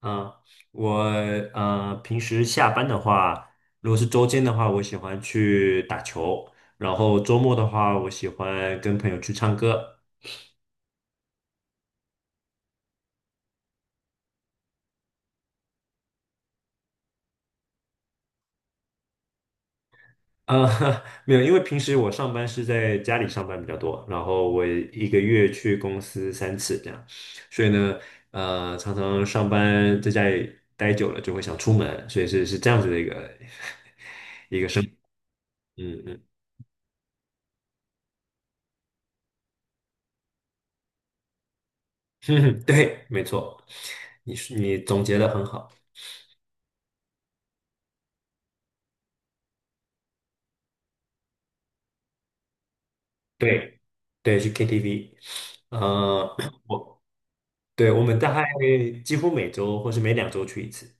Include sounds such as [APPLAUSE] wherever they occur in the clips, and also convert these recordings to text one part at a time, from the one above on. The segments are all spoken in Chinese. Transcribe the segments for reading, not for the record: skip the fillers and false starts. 嗯，我平时下班的话，如果是周间的话，我喜欢去打球，然后周末的话，我喜欢跟朋友去唱歌。呃，[LAUGHS] 没有，因为平时我上班是在家里上班比较多，然后我一个月去公司3次这样，所以呢，常常上班在家里待久了就会想出门，所以是这样子的一个。嗯嗯，[LAUGHS] 对，没错，你总结的很好。对，对，去 KTV，呃，[COUGHS] [CLEARS THROAT] 我对，我们大概几乎每周或是每两周去一次，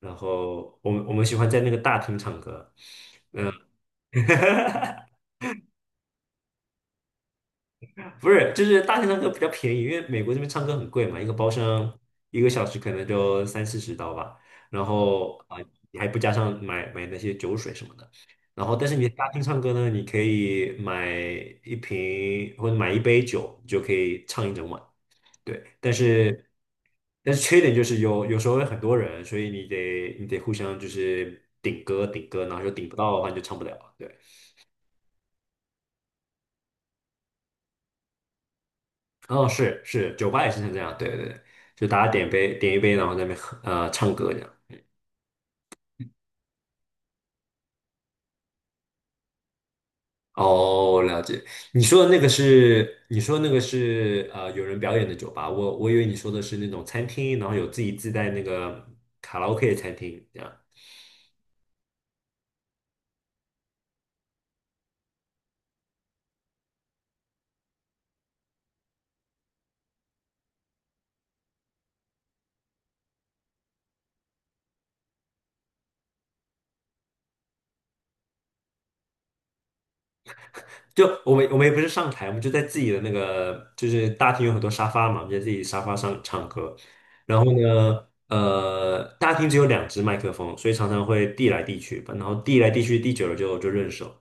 然后我们喜欢在那个大厅唱歌。嗯，[LAUGHS] 不是，就是大厅唱歌比较便宜，因为美国这边唱歌很贵嘛，一个包厢一个小时可能就30-40刀吧。然后啊、你还不加上买那些酒水什么的，然后但是你大厅唱歌呢，你可以买一瓶或者买一杯酒，你就可以唱一整晚。对，但是缺点就是有时候有很多人，所以你得互相就是顶歌顶歌，然后就顶不到的话你就唱不了。对，哦，是是，酒吧也是像这样，对对对，就大家点一杯，然后在那边喝唱歌这样。哦，了解。你说的那个是有人表演的酒吧，我以为你说的是那种餐厅，然后有自己自带那个卡拉 OK 的餐厅这样。就我们也不是上台，我们就在自己的那个就是大厅有很多沙发嘛，我们就在自己沙发上唱歌。然后呢，大厅只有2只麦克风，所以常常会递来递去吧。然后递来递去，递久了就认手。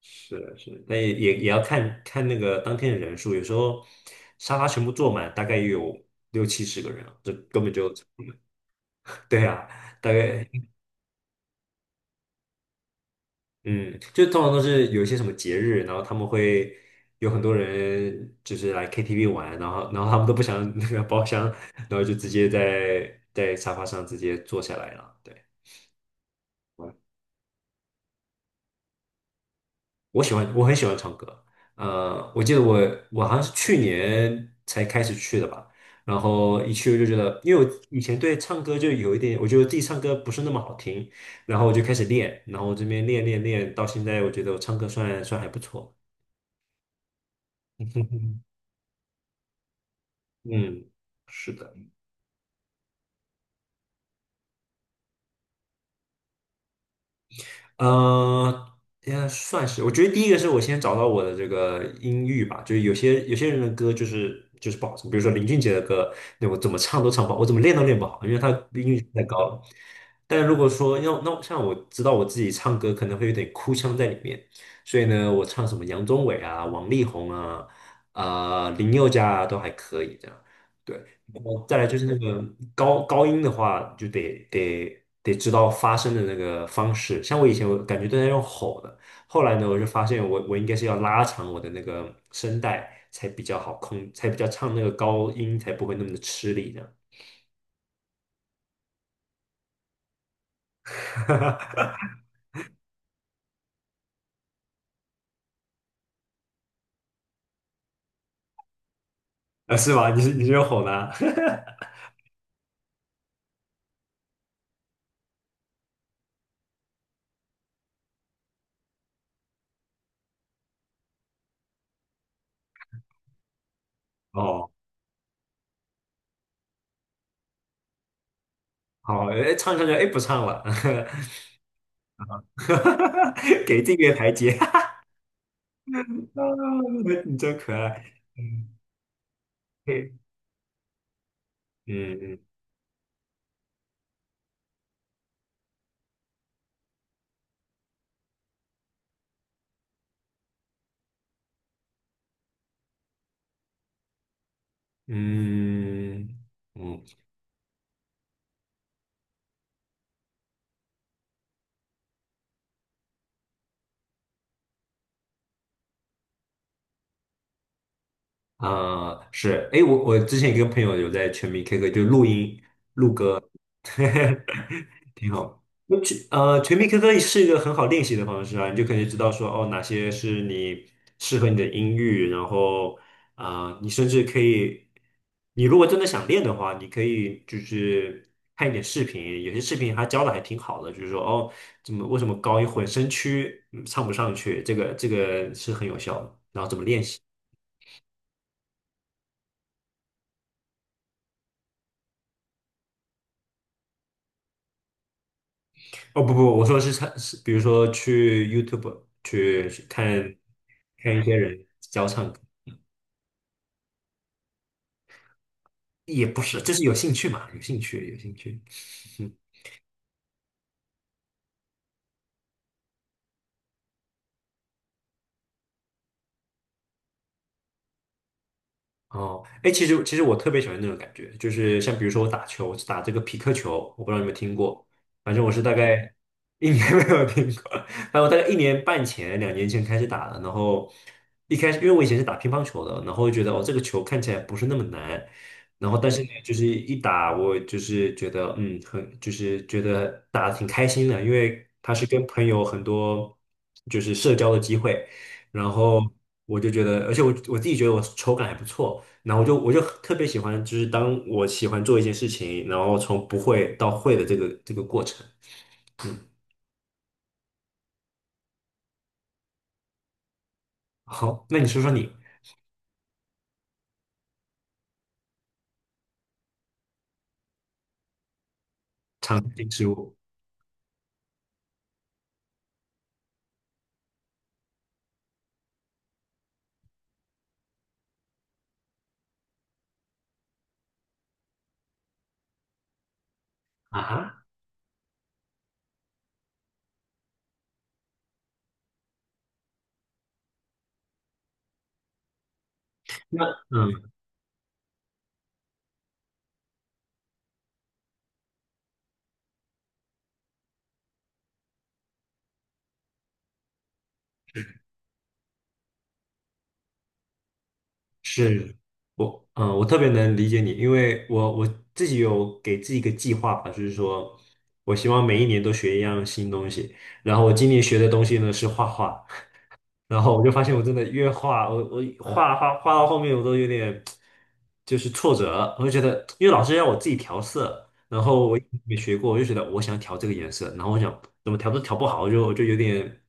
是的是的，但也要看看那个当天的人数，有时候沙发全部坐满，大概也有60-70个人啊这根本就 [LAUGHS] 对啊，大概嗯，就通常都是有一些什么节日，然后他们会有很多人就是来 KTV 玩，然后他们都不想那个包厢，然后就直接在沙发上直接坐下来了。对，我喜欢，我很喜欢唱歌。我记得我好像是去年才开始去的吧，然后一去我就觉得，因为我以前对唱歌就有一点，我觉得自己唱歌不是那么好听，然后我就开始练，然后我这边练练练，到现在我觉得我唱歌算还不错。嗯，是的。呃，应该算是。我觉得第一个是我先找到我的这个音域吧，就是有些人的歌就是不好听，比如说林俊杰的歌，那我怎么唱都唱不好，我怎么练都练不好，因为他音域太高了。但如果说要那像我知道我自己唱歌可能会有点哭腔在里面，所以呢，我唱什么杨宗纬啊、王力宏啊、林宥嘉啊都还可以这样。对，然后再来就是那个高音的话，就得知道发声的那个方式。像我以前我感觉都在用吼的，后来呢，我就发现我应该是要拉长我的那个声带才比较好控，才比较唱那个高音才不会那么的吃力这样。[LAUGHS] 啊是吗？你是用吼的啊？[LAUGHS] 哦，好，哎，唱唱唱，哎，不唱了，[LAUGHS] 给这个台阶，[LAUGHS] 啊你真可爱。嗯，嘿，嗯嗯嗯嗯，啊，是，哎，我之前一个朋友有在全民 K 歌就录音，[LAUGHS] 挺好。全民 K 歌是一个很好练习的方式啊，你就可以知道说哦，哪些是适合你的音域，然后你甚至可以，你如果真的想练的话，你可以就是看一点视频，有些视频他教的还挺好的，就是说哦，怎么为什么高音混声区唱不上去，这个是很有效的，然后怎么练习。哦，不不，我说是唱，是比如说去 YouTube 去看看一些人教唱歌。也不是，就是有兴趣嘛，有兴趣，有兴趣。[LAUGHS] 哦，哎，其实我特别喜欢那种感觉，就是像比如说我打球打这个匹克球，我不知道你有没有听过，反正我是大概一年 [LAUGHS] 没有听过，反正我大概1年半前、2年前开始打的，然后一开始因为我以前是打乒乓球的，然后觉得哦这个球看起来不是那么难，然后但是呢就是一打我就是觉得很就是觉得打的挺开心的，因为它是跟朋友很多就是社交的机会，然后。我就觉得，而且我自己觉得我手感还不错，然后我就特别喜欢，就是当我喜欢做一件事情，然后从不会到会的这个过程。好，那你说说你常见植物啊哈那嗯，是我特别能理解你，因为我自己有给自己一个计划吧，就是说我希望每一年都学一样新东西。然后我今年学的东西呢是画画，然后我就发现我真的越画，我画画画到后面我都有点就是挫折，我就觉得，因为老师让我自己调色，然后我也没学过，我就觉得我想调这个颜色，然后我想怎么调都调不好，我就有点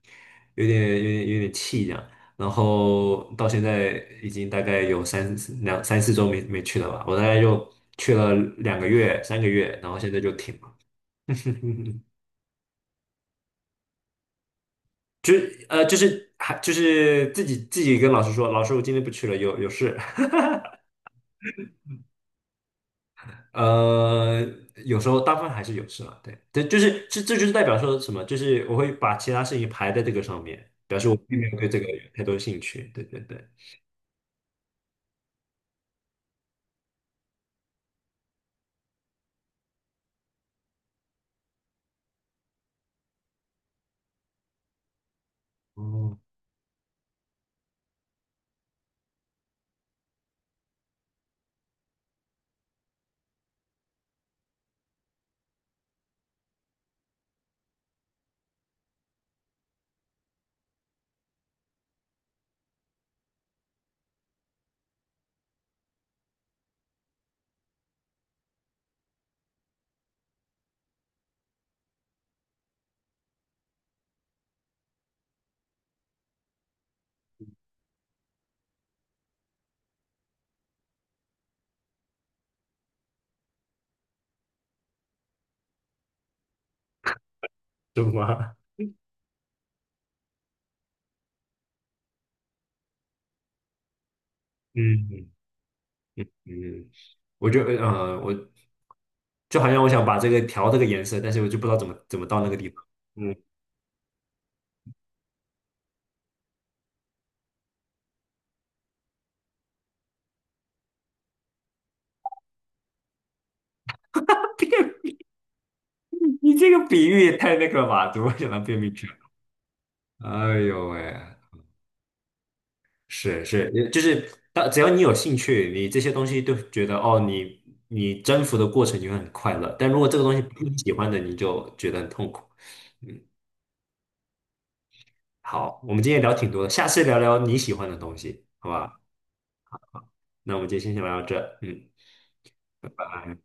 气这样，然后到现在已经大概有两三四周没去了吧，我大概就去了两个月三个月，然后现在就停了。[LAUGHS] 就就是还自己跟老师说，老师我今天不去了，有事。呃，有时候大部分还是有事了，对，这就是这就是代表说什么，就是我会把其他事情排在这个上面，因为我对这个有太多兴趣，对对对。哦，是吗？[LAUGHS] 嗯嗯，我就好像我想把这个调这个颜色，但是我就不知道怎么到那个地方。嗯，[LAUGHS] 你这个比喻也太那个了吧？怎么会想到便秘去了？哎呦喂，是是，就是只要你有兴趣，你这些东西都觉得哦，你征服的过程你会很快乐。但如果这个东西不是你喜欢的，你就觉得很痛苦。好，我们今天聊挺多的，下次聊聊你喜欢的东西，好吧？那我们今天先聊到这，嗯。拜拜。